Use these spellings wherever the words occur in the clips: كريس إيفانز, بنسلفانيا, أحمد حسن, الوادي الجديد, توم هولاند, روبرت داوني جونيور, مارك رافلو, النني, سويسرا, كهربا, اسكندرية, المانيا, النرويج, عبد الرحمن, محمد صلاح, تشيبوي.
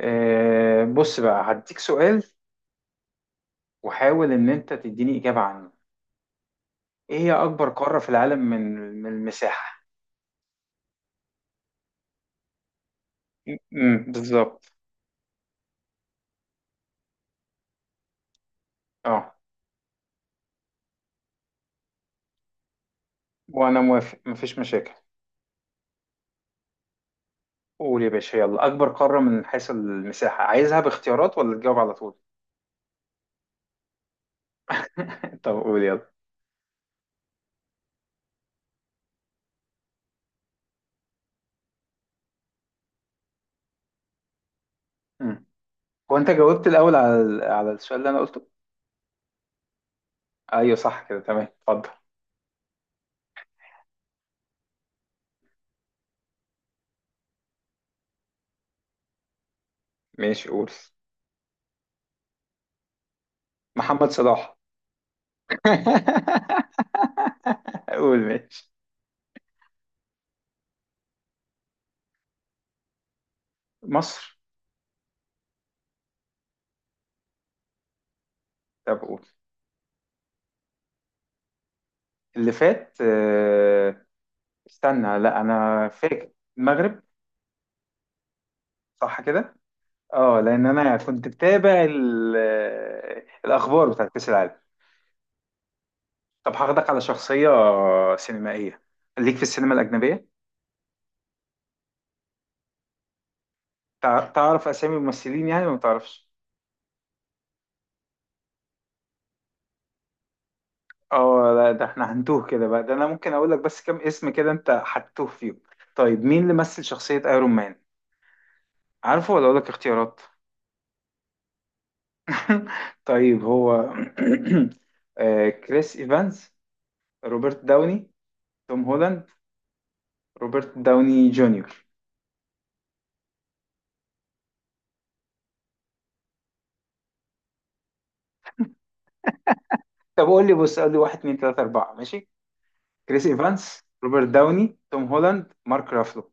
بص بقى هديك سؤال وحاول ان انت تديني اجابة عنه. ايه هي اكبر قارة في العالم من من المساحة؟ م- م، بالظبط. اه وانا موافق مفيش مشاكل. قول يا باشا يلا، اكبر قارة من حيث المساحة عايزها باختيارات ولا تجاوب على طول؟ طب قول يلا. مم. هو انت جاوبت الاول على على السؤال اللي انا قلته. ايوه صح كده، تمام، اتفضل. ماشي قول. محمد صلاح. قول ماشي. مصر. طب قول. اللي فات، استنى لا انا فاكر. المغرب. صح كده. اه لان انا كنت بتابع الاخبار بتاعت كاس العالم. طب هاخدك على شخصيه سينمائيه ليك في السينما الاجنبيه. تعرف اسامي الممثلين يعني ولا ما تعرفش؟ اه لا، ده احنا هنتوه كده بقى، ده انا ممكن اقول لك بس كام اسم كده انت هتتوه فيهم. طيب مين اللي مثل شخصيه ايرون مان؟ عارفه ولا اقول لك اختيارات؟ طيب هو، كريس ايفانز، روبرت داوني، توم هولاند، روبرت داوني جونيور. طب قول لي بص، قول لي واحد اتنين تلاتة أربعة ماشي. كريس إيفانس، روبرت داوني، توم هولاند، مارك رافلو.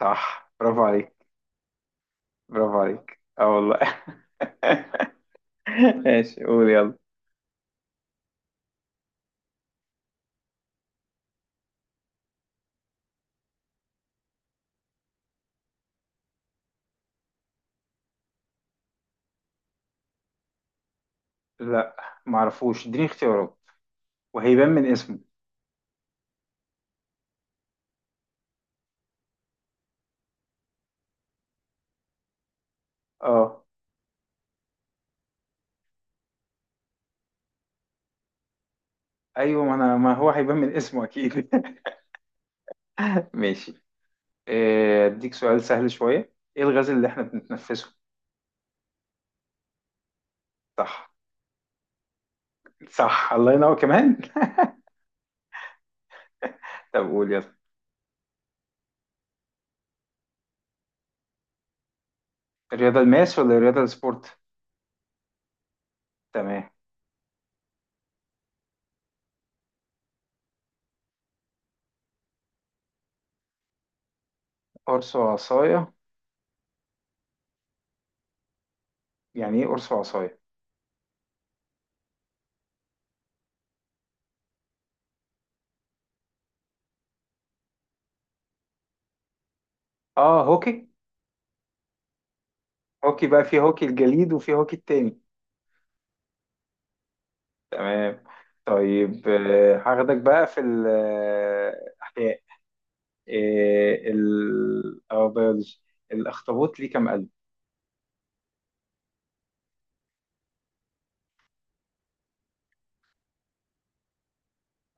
صح، برافو عليك، برافو عليك اه والله. ماشي قول يلا. لا معرفوش، اديني اختيارات وهيبان من اسمه. اه ايوه ما انا، ما هو هيبان من اسمه اكيد. ماشي. اديك سؤال سهل شوية، ايه الغاز اللي احنا بنتنفسه؟ صح، صح، الله ينور كمان. طب قول يلا. الرياضة الماس ولا الرياضة السبورت؟ تمام. قرص وعصاية؟ يعني ايه قرص وعصاية؟ اه هوكي. هوكي بقى في هوكي الجليد وفي هوكي التاني. تمام. طيب هاخدك بقى في الأحياء، ال أو بيولوجي. الأخطبوط ليه كام قلب؟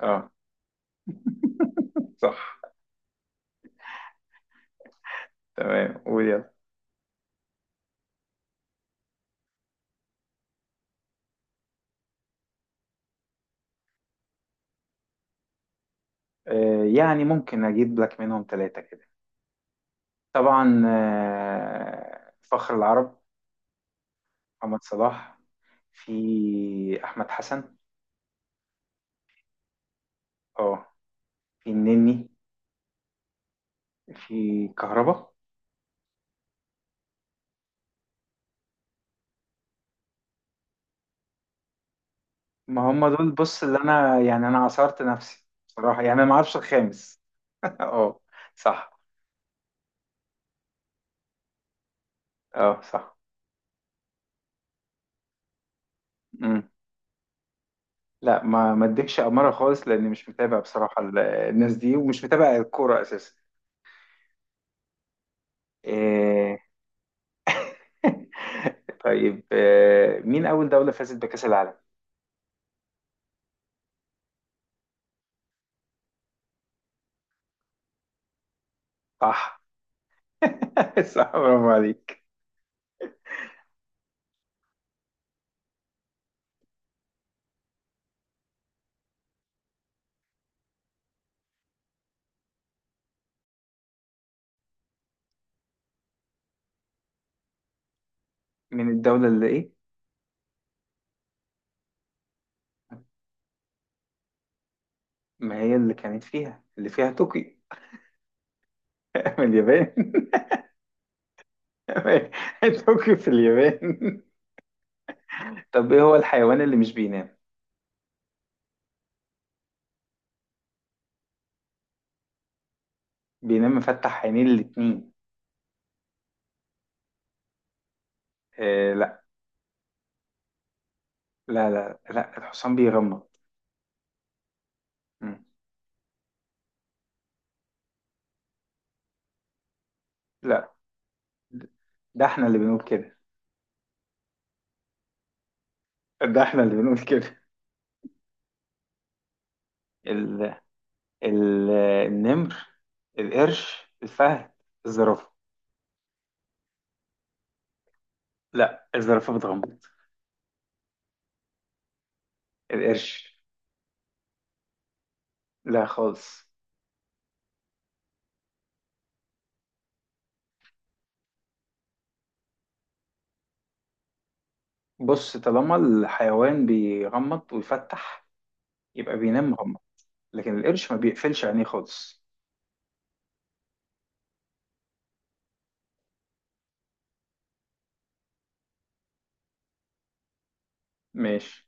اه صح. تمام، ويلا. يعني ممكن أجيب لك منهم ثلاثة كده. طبعا، فخر العرب محمد صلاح. في أحمد حسن. اه. في النني. في كهربا. ما هم دول بص اللي انا، يعني انا عصرت نفسي بصراحة، يعني انا ما اعرفش الخامس. اه صح، اه صح. امم. لا ما اديكش امارة خالص لاني مش متابع بصراحة الناس دي ومش متابع الكورة اساسا. إيه... طيب. مين اول دولة فازت بكأس العالم؟ صح. صح، برافو عليك. من الدولة اللي ايه؟ ما هي اللي كانت فيها، اللي فيها طوكيو. من اليابان. طوكيو في اليابان. طب ايه هو الحيوان اللي مش بينام؟ بينام مفتح عينيه الاتنين. آه لا، لا لا لا الحصان بيغمض. مم. لا ده احنا اللي بنقول كده. ده احنا اللي بنقول كده. ال... ال... النمر، القرش، الفهد، الزرافة. لا الزرافة بتغمض. القرش. لا خالص. بص طالما الحيوان بيغمض ويفتح يبقى بينام مغمض، لكن القرش ما بيقفلش عينيه خالص. ماشي،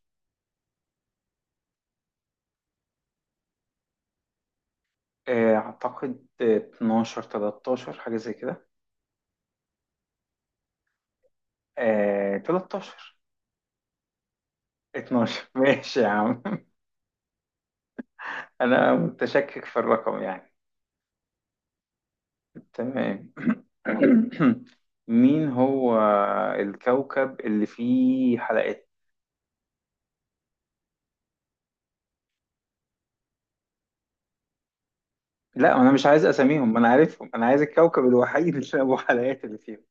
أعتقد 12 13 حاجة زي كده. 13. 12. ماشي يا عم. أنا متشكك في الرقم يعني. تمام. مين هو الكوكب اللي فيه حلقات؟ لا أنا مش عايز أساميهم أنا عارفهم، أنا عايز الكوكب الوحيد اللي أبو حلقات اللي فيهم.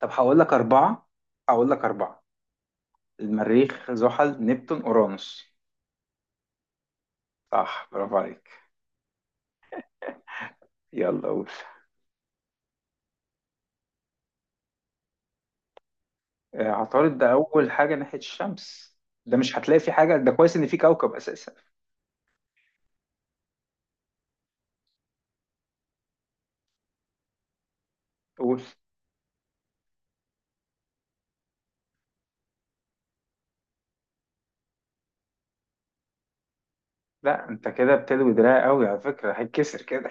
طب هقول لك أربعة، هقول لك أربعة. المريخ، زحل، نبتون، أورانوس. صح، برافو عليك. يلا قول. عطارد ده أول حاجة ناحية الشمس. ده مش هتلاقي فيه حاجة، ده كويس إن فيه كوكب أساسا. قول. لا أنت كده بتلوي دراع قوي على فكرة، هيتكسر كده.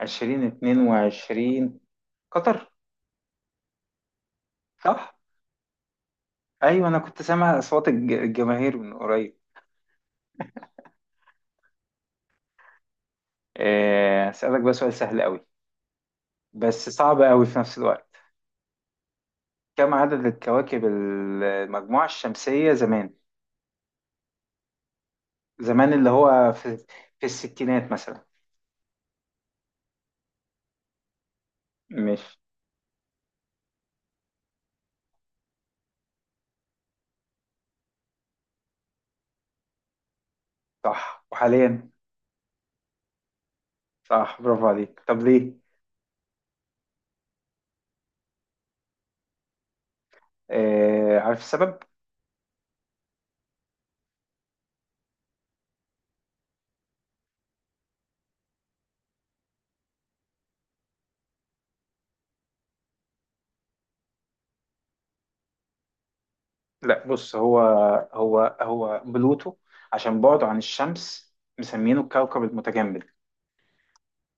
2022. قطر. صح؟ أيوة أنا كنت سامع أصوات الجماهير من قريب. أسألك بقى سؤال سهل قوي بس صعب قوي في نفس الوقت. كم عدد الكواكب المجموعة الشمسية زمان؟ زمان اللي هو في, في الستينات مثلا. مش. صح وحاليا. صح، برافو عليك، طب ليه؟ عارف السبب؟ لا بص هو، هو بلوتو عشان بعده عن الشمس مسمينه الكوكب المتجمد.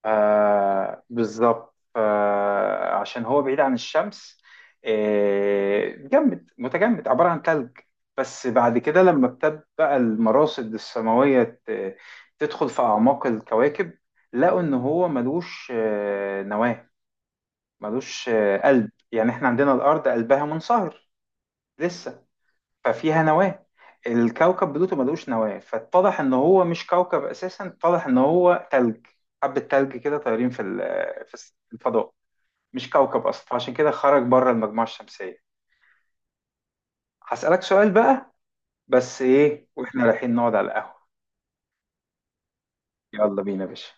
آه بالظبط، آه عشان هو بعيد عن الشمس. آه جمد، متجمد عبارة عن ثلج. بس بعد كده لما ابتدت بقى المراصد السماوية تدخل في أعماق الكواكب، لقوا إن هو ملوش نواة، ملوش قلب. يعني إحنا عندنا الأرض قلبها منصهر لسه، ففيها نواة. الكوكب بلوتو ملوش نواة، فاتضح ان هو مش كوكب اساسا، اتضح ان هو تلج، حبة تلج كده طايرين في في في الفضاء. مش كوكب اصلا، فعشان كده خرج بره المجموعة الشمسية. هسألك سؤال بقى، بس ايه واحنا رايحين نقعد على القهوة. يلا بينا يا باشا.